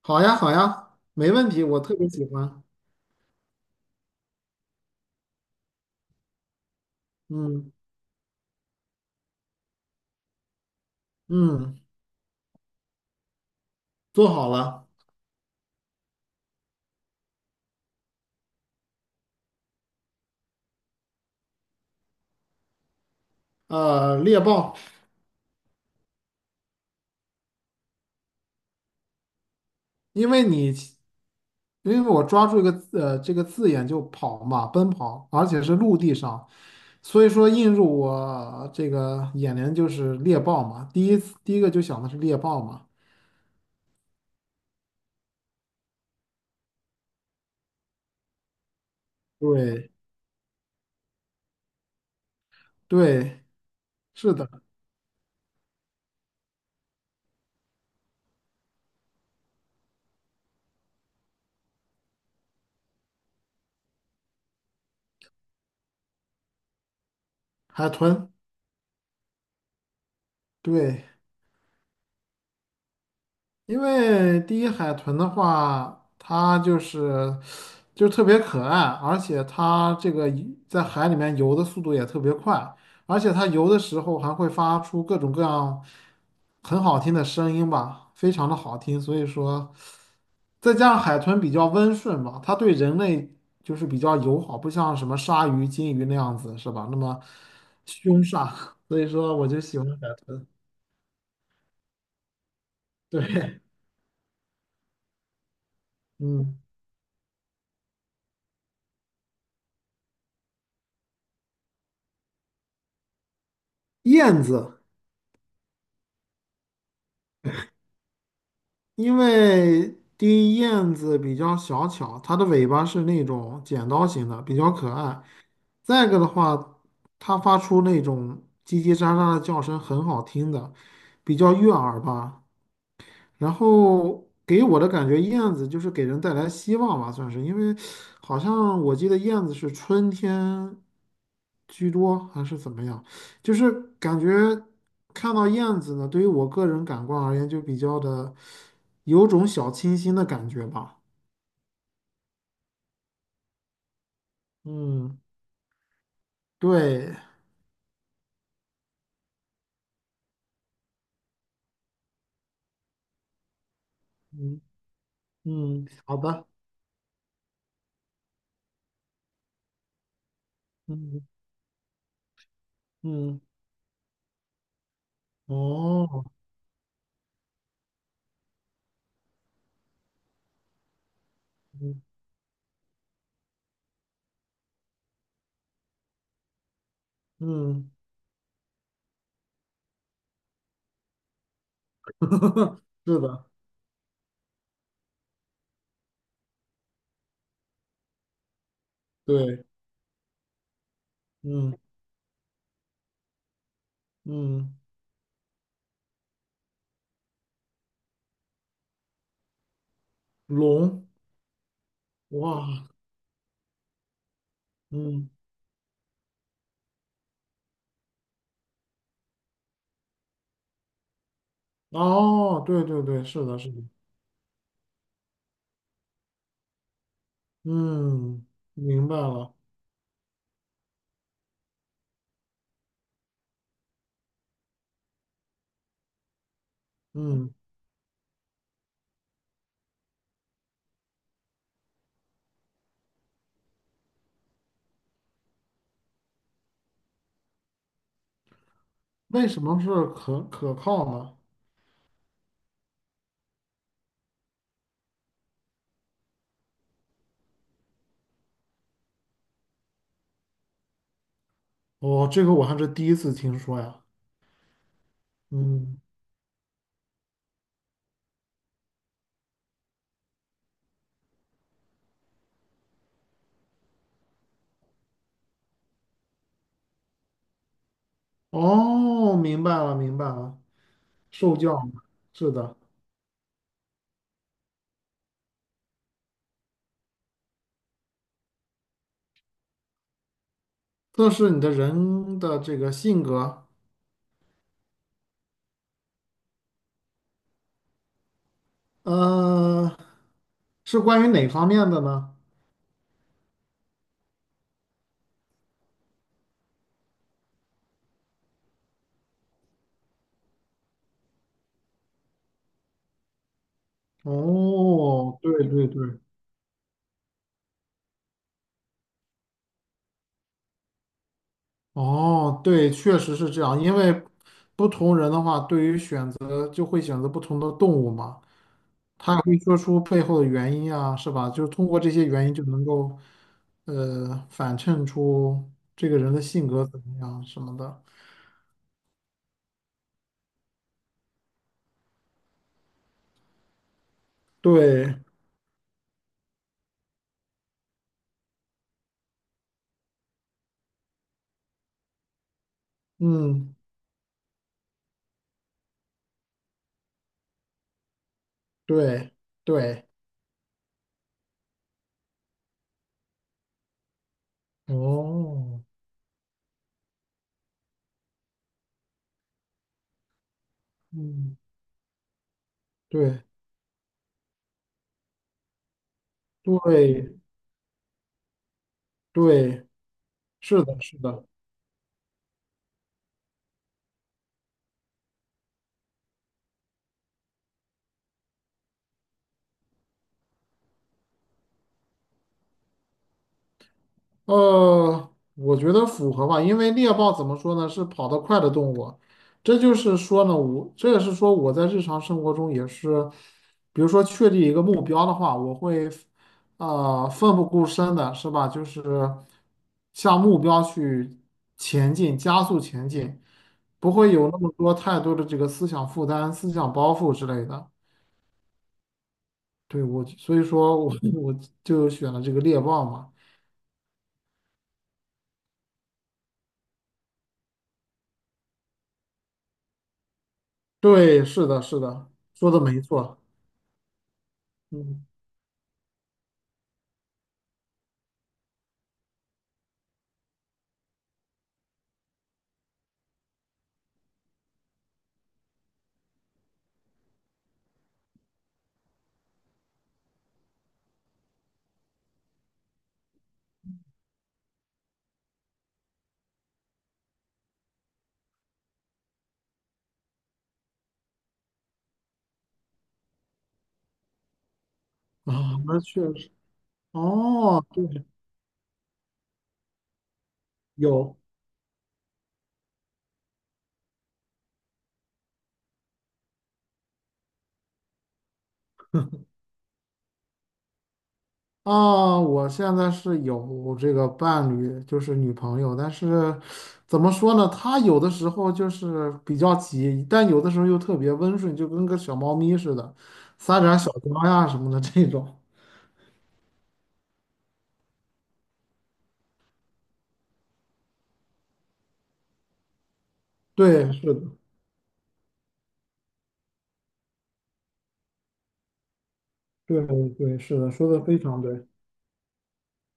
好呀，好呀，没问题，我特别喜欢。嗯嗯，做好了。猎豹。因为你因为我抓住一个字这个字眼就跑嘛，奔跑，而且是陆地上，所以说映入我这个眼帘就是猎豹嘛。第一个就想的是猎豹嘛。对对，是的。海豚，对。因为第一海豚的话，它就是就特别可爱，而且它这个一在海里面游的速度也特别快，而且它游的时候还会发出各种各样很好听的声音吧，非常的好听。所以说，再加上海豚比较温顺吧，它对人类就是比较友好，不像什么鲨鱼、金鱼那样子，是吧？那么凶煞，所以说我就喜欢海豚。对。嗯，燕子。因为第一燕子比较小巧，它的尾巴是那种剪刀型的，比较可爱。再一个的话，它发出那种叽叽喳喳的叫声，很好听的，比较悦耳吧。然后给我的感觉，燕子就是给人带来希望吧，算是。因为好像我记得燕子是春天居多还是怎么样，就是感觉看到燕子呢，对于我个人感官而言，就比较的有种小清新的感觉吧。嗯，对。嗯嗯，好的。嗯嗯。哦。嗯嗯，是的。对。嗯嗯。龙。哇。嗯。哦，对对对，是的，是的。嗯，明白了。嗯，为什么是可靠呢？哦，这个我还是第一次听说呀。嗯。哦，明白了，明白了。受教嘛，是的。测试你的人的这个性格。呃，是关于哪方面的呢？哦，对对对。哦，对，确实是这样，因为不同人的话，对于选择就会选择不同的动物嘛。可以说出背后的原因啊，是吧？就是通过这些原因就能够，呃，反衬出这个人的性格怎么样什么的。对。嗯。对。对。哦。嗯。对。对。对，是的，是的。我觉得符合吧，因为猎豹怎么说呢，是跑得快的动物。这就是说呢，我这也是说我在日常生活中也是，比如说确立一个目标的话，我会奋不顾身的，是吧？就是向目标去前进，加速前进，不会有那么多太多的这个思想负担、思想包袱之类的。对，所以说我 我就选了这个猎豹嘛。对，是的，是的，说的没错。嗯。啊，那确实。哦，对。有啊，我现在是有这个伴侣，就是女朋友，但是怎么说呢？她有的时候就是比较急，但有的时候又特别温顺，就跟个小猫咪似的，撒点儿小娇呀什么的这种。对，是的。对对，是的，说的非常对。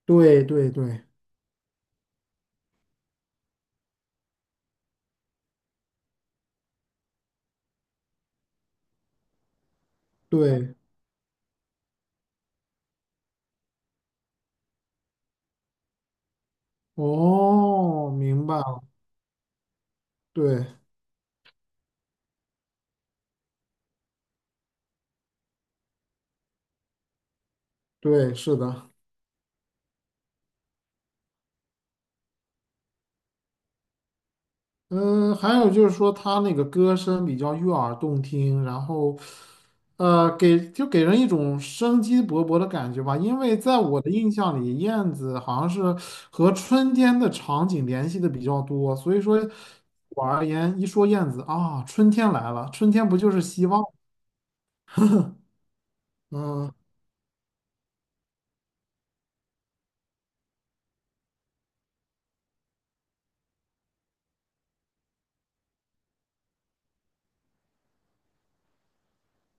对对对对。哦，明白了。对对，是的。嗯，还有就是说他那个歌声比较悦耳动听，然后，呃，就给人一种生机勃勃的感觉吧。因为在我的印象里，燕子好像是和春天的场景联系的比较多，所以说我而言，一说燕子啊，春天来了，春天不就是希望？嗯，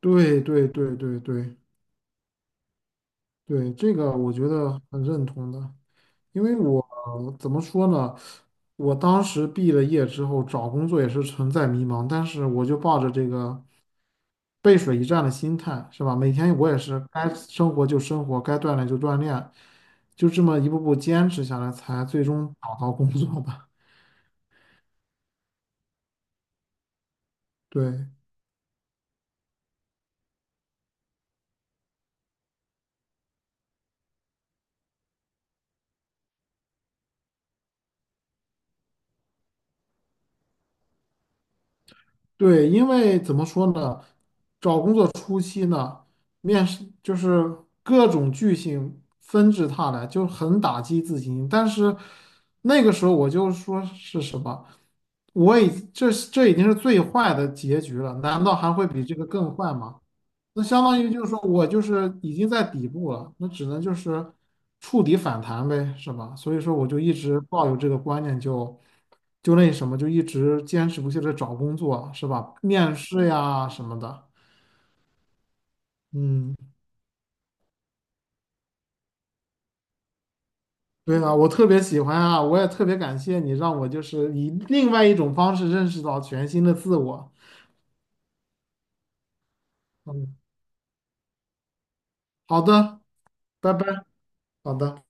对对对对对对，这个我觉得很认同的。因为我怎么说呢？我当时毕了业之后找工作也是存在迷茫，但是我就抱着这个背水一战的心态，是吧？每天我也是该生活就生活，该锻炼就锻炼，就这么一步步坚持下来，才最终找到工作吧。对。对，因为怎么说呢，找工作初期呢，面试就是各种巨星纷至沓来，就很打击自己。但是那个时候我就说是什么，这已经是最坏的结局了，难道还会比这个更坏吗？那相当于就是说我就是已经在底部了，那只能就是触底反弹呗，是吧？所以说我就一直抱有这个观念就那什么，就一直坚持不懈的找工作，是吧？面试呀什么的。嗯，对啊，我特别喜欢啊，我也特别感谢你让我就是以另外一种方式认识到全新的自我。嗯，好的。拜拜，好的。